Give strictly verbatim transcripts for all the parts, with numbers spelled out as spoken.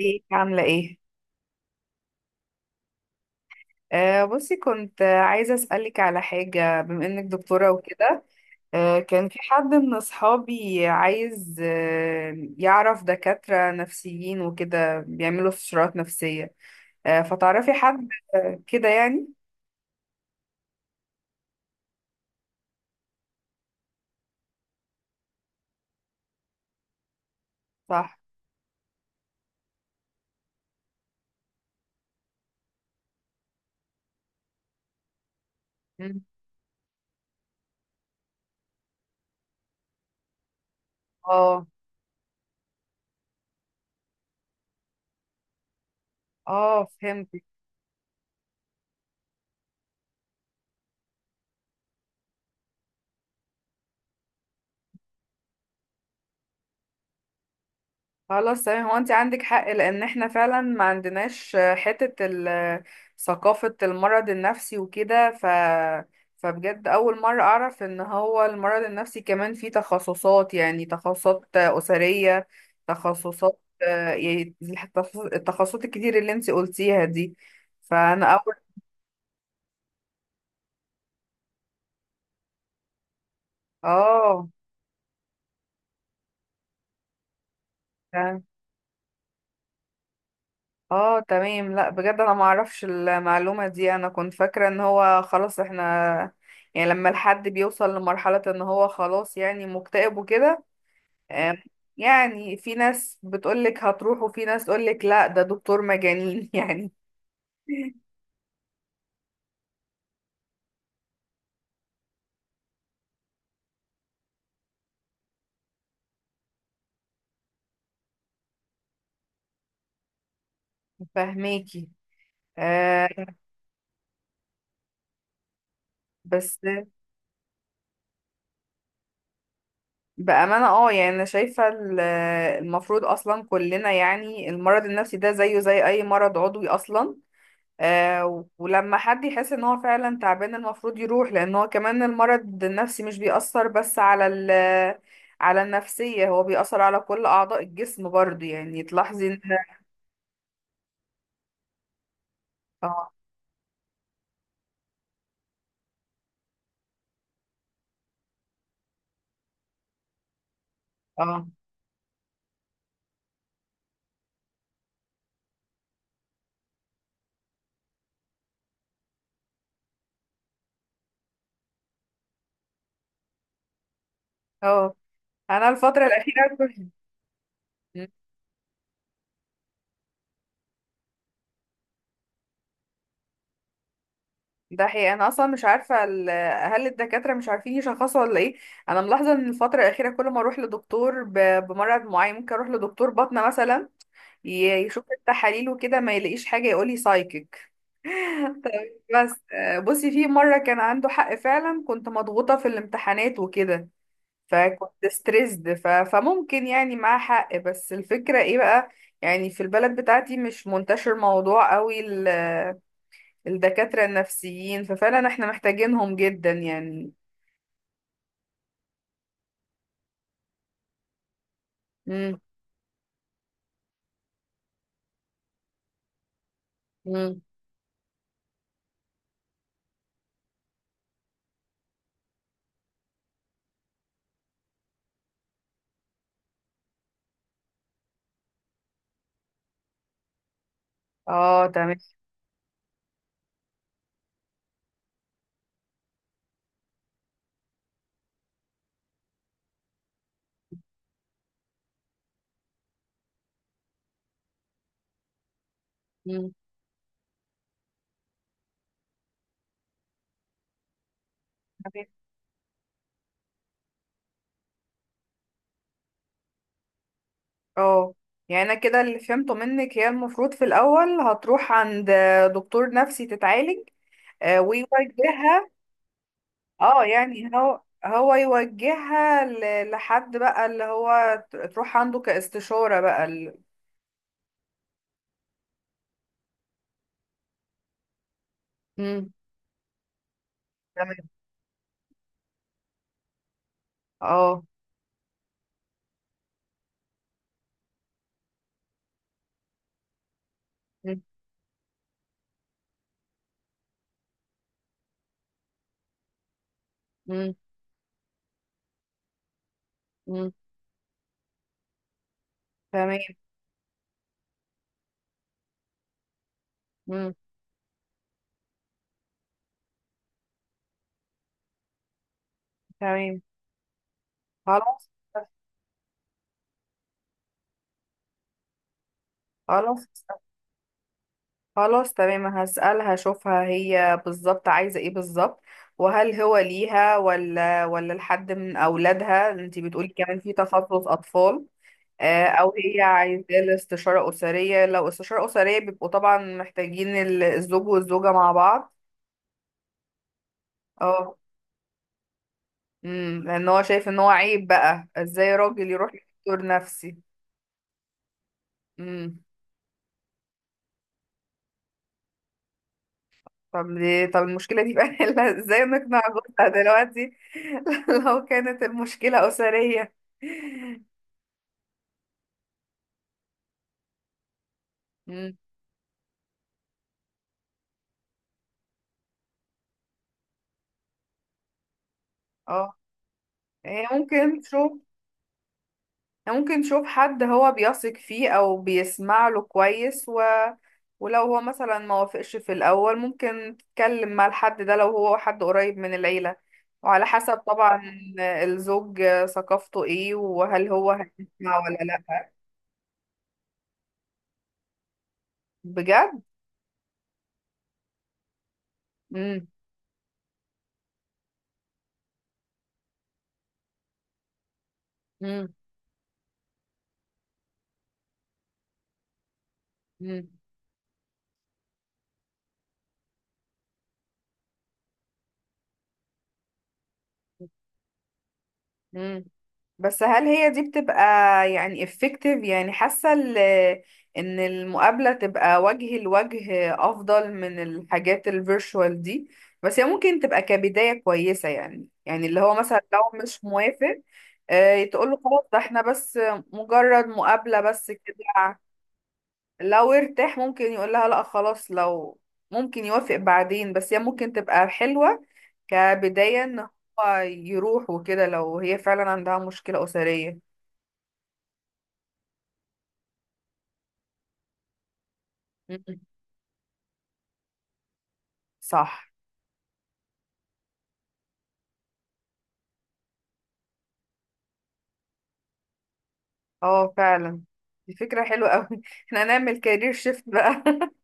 ازيك عاملة ايه؟ آه بصي كنت آه، عايزة اسألك على حاجة بما انك دكتورة وكده. آه كان في حد من اصحابي عايز آه يعرف دكاترة نفسيين وكده بيعملوا استشارات نفسية. آه فتعرفي حد؟ آه، كده يعني؟ صح. مم. اه. اه، فهمت. خلاص، تمام. هو انت عندك حق لان احنا فعلا ما عندناش، آه، حتة ال- ثقافة المرض النفسي وكده. ف فبجد اول مرة اعرف ان هو المرض النفسي كمان فيه تخصصات، يعني تخصصات اسرية، تخصصات، آه، يعني التخصص- التخصصات الكتير اللي انت قلتيها دي. فانا اول. اه. اه، تمام. لا، بجد انا ما اعرفش المعلومة دي، انا كنت فاكرة ان هو خلاص احنا، يعني لما الحد بيوصل لمرحلة ان هو خلاص يعني مكتئب وكده. آم، يعني في ناس بتقولك هتروح وفي ناس تقولك لا ده دكتور مجانين يعني. فهماكي. آه. بس بأمانة، اه، يعني أنا شايفة ال- المفروض أصلا كلنا، يعني المرض النفسي ده زيه زي أي مرض عضوي أصلا. آه ولما حد يحس ان هو فعلا تعبان المفروض يروح، لان هو كمان المرض النفسي مش بيأثر بس على ال على النفسية، هو بيأثر على كل أعضاء الجسم برضو، يعني تلاحظي ان... اه، اه، اه. انا الفترة الأخيرة كنت-. ده حقيقي، انا اصلا مش عارفة ال- هل الدكاترة مش عارفين يشخصوا ولا ايه؟ انا ملاحظة ان الفترة الأخيرة كل ما اروح لدكتور ب- بمرض معين، ممكن اروح لدكتور باطنة مثلا، ي- يشوف التحاليل وكده ما يلاقيش حاجة، يقولي سايكيك. طيب، بس آه، بصي في مرة كان عنده حق، فعلا كنت مضغوطة في الامتحانات وكده، فكنت ستريسد، ف... فممكن يعني معاه حق، بس الفكرة ايه بقى؟ يعني في البلد بتاعتي مش منتشر موضوع قوي ال... الدكاترة النفسيين، ففعلا احنا محتاجينهم جدا يعني. مم. مم. اه، تمام. مم. تمام. اه، يعني انا كده اللي فهمته منك، هي المفروض في الاول هتروح عند دكتور نفسي تتعالج، آه، ويوجهها. اه، يعني هو هو يوجهها ل- لحد بقى اللي هو ت- تروح عنده كاستشارة بقى ال-. مم. تمام. اه. مم. مم. مم. تمام. مم. تمام. خلاص. خلاص. خلاص، تمام، هسألها اشوفها هي بالظبط عايزة ايه بالظبط، وهل هو ليها ولا ولا لحد من اولادها، انتي بتقولي كمان في تخصص اطفال. آه، او هي عايزة الاستشارة أسرية، لو استشارة أسرية بيبقوا طبعا محتاجين ال- الزوج والزوجة مع بعض. اه. امم لأن هو شايف ان هو عيب، بقى ازاي راجل يروح لدكتور نفسي. امم. طب ليه، طب المشكلة دي بقى نحلها ازاي، نقنع جوزها دلوقتي؟ لو كانت المشكلة أسرية. امم. اه، هي ممكن تشوف، ممكن نشوف حد هو بيثق فيه او بيسمع له كويس و... ولو هو مثلا ما وافقش في الاول ممكن تتكلم مع الحد ده، لو هو حد قريب من العيلة، وعلى حسب طبعا الزوج ثقافته ايه، وهل هو هيسمع ولا لا. بجد؟ امم. امم. مم. بس هل هي دي بتبقى يعني effective، يعني حاسة ال- ان المقابلة تبقى وجه لوجه افضل من الحاجات الفيرشوال دي؟ بس هي ممكن تبقى كبداية كويسة، يعني يعني اللي هو مثلا لو مش موافق، آه، تقول له خلاص ده احنا بس مجرد مقابلة بس كده. لو ارتاح ممكن يقول لها لا خلاص، لو ممكن يوافق بعدين، بس هي ممكن تبقى حلوة كبداية ان هو يروح وكده لو هي فعلا عندها مشكلة أسرية. مم. صح. اه، فعلا، دي فكرة حلوة اوي. احنا هنعمل كارير شيفت بقى.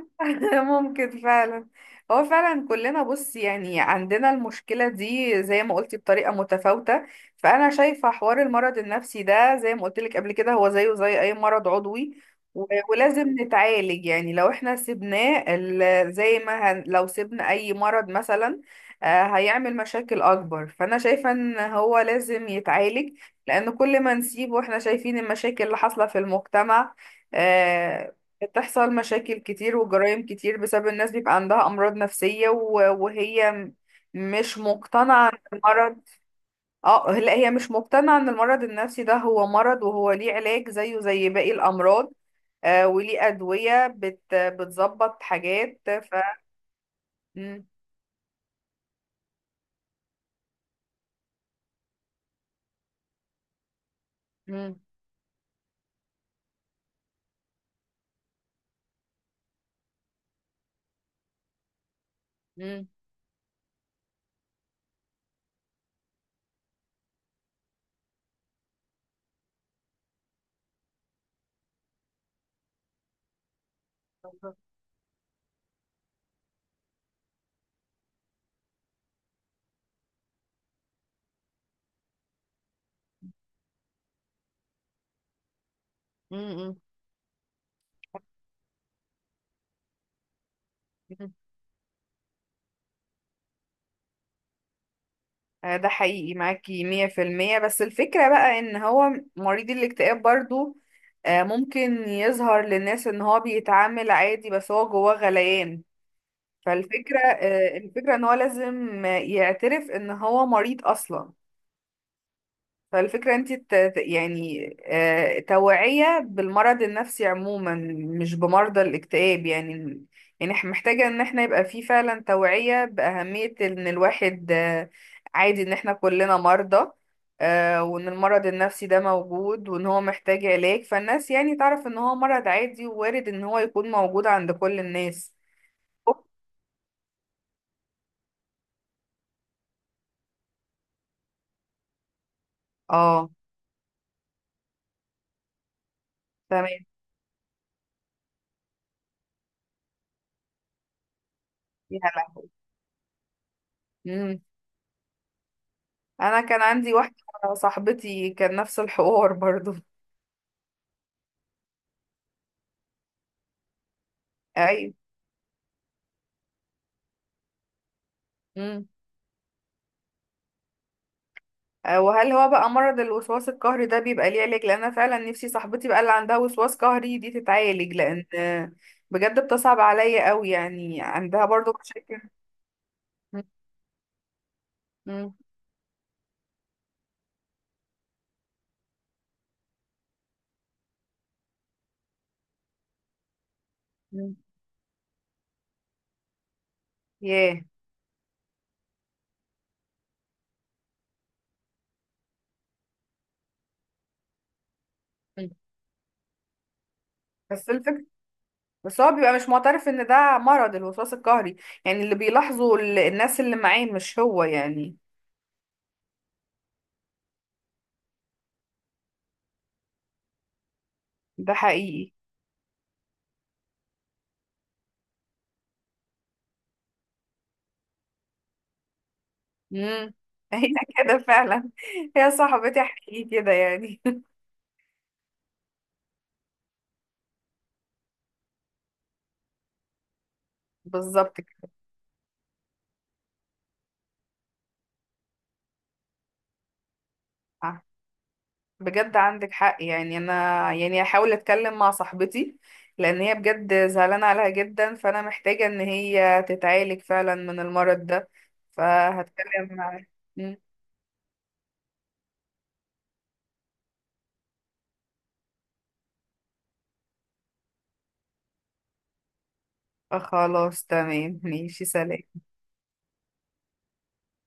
ممكن فعلا. هو فعلا كلنا، بص يعني، عندنا المشكلة دي زي ما قلتي بطريقة متفاوتة. فأنا شايفة حوار المرض النفسي ده زي ما قلت لك قبل كده هو زيه زي أي مرض عضوي. و- ولازم نتعالج، يعني لو احنا سيبناه ال- زي ما هن لو سيبنا أي مرض مثلا، آه، هيعمل مشاكل أكبر. فأنا شايفة إن هو لازم يتعالج، لأن كل ما نسيبه احنا شايفين المشاكل اللي حاصلة في المجتمع. آه. بتحصل مشاكل كتير وجرائم كتير بسبب الناس بيبقى عندها أمراض نفسية، و- وهي م- مش مقتنعة ان المرض. اه، لا، هي مش مقتنعة ان المرض النفسي ده هو مرض، وهو ليه علاج زيه زي باقي الأمراض. آه وليه أدوية بت... بتظبط حاجات ف. مم. مم. مم. مم. مم. آه، ده حقيقي، معاكي مية في المية، بس الفكرة بقى ان هو مريض الاكتئاب برضو آه، ممكن يظهر للناس ان هو بيتعامل عادي بس هو جواه غليان. فالفكرة آه، الفكرة ان هو لازم يعترف ان هو مريض اصلا. فالفكرة انت ت- ت- يعني آه، توعية بالمرض النفسي عموما مش بمرضى الاكتئاب يعني. يعني إح- محتاجة ان احنا يبقى في فعلا توعية بأهمية ان الواحد، آه، عادي ان احنا كلنا مرضى. آه، وان المرض النفسي ده موجود وان هو محتاج علاج، فالناس يعني تعرف ان هو مرض عادي ووارد ان هو يكون موجود عند كل الناس. اه، تمام. يا هلا. مم. انا كان عندي واحدة، صاحبتي، كان نفس الحوار برضو. ايوه. امم. آه، وهل هو بقى مرض الوسواس القهري ده بيبقى ليه علاج؟ لان انا فعلا نفسي صاحبتي بقى اللي عندها وسواس قهري دي تتعالج، لان آه، بجد بتصعب عليا قوي، يعني عندها برضو مشاكل. امم. امم. ياه. مم. بس الفكرة، بس هو بيبقى مش معترف ان ده مرض الوسواس القهري، يعني اللي بيلاحظه ال- الناس اللي معاه مش هو يعني. ده حقيقي. امم. هي كده فعلا. هي صاحبتي حقيقي كده يعني. بالظبط. كده. بجد عندك حق، يعني انا، يعني هحاول اتكلم مع صاحبتي، لان هي بجد زعلانه عليها جدا، فانا محتاجه ان هي تتعالج فعلا من المرض ده، فهتكلم معاها. مم. خلاص، تمام، ماشي، سلام.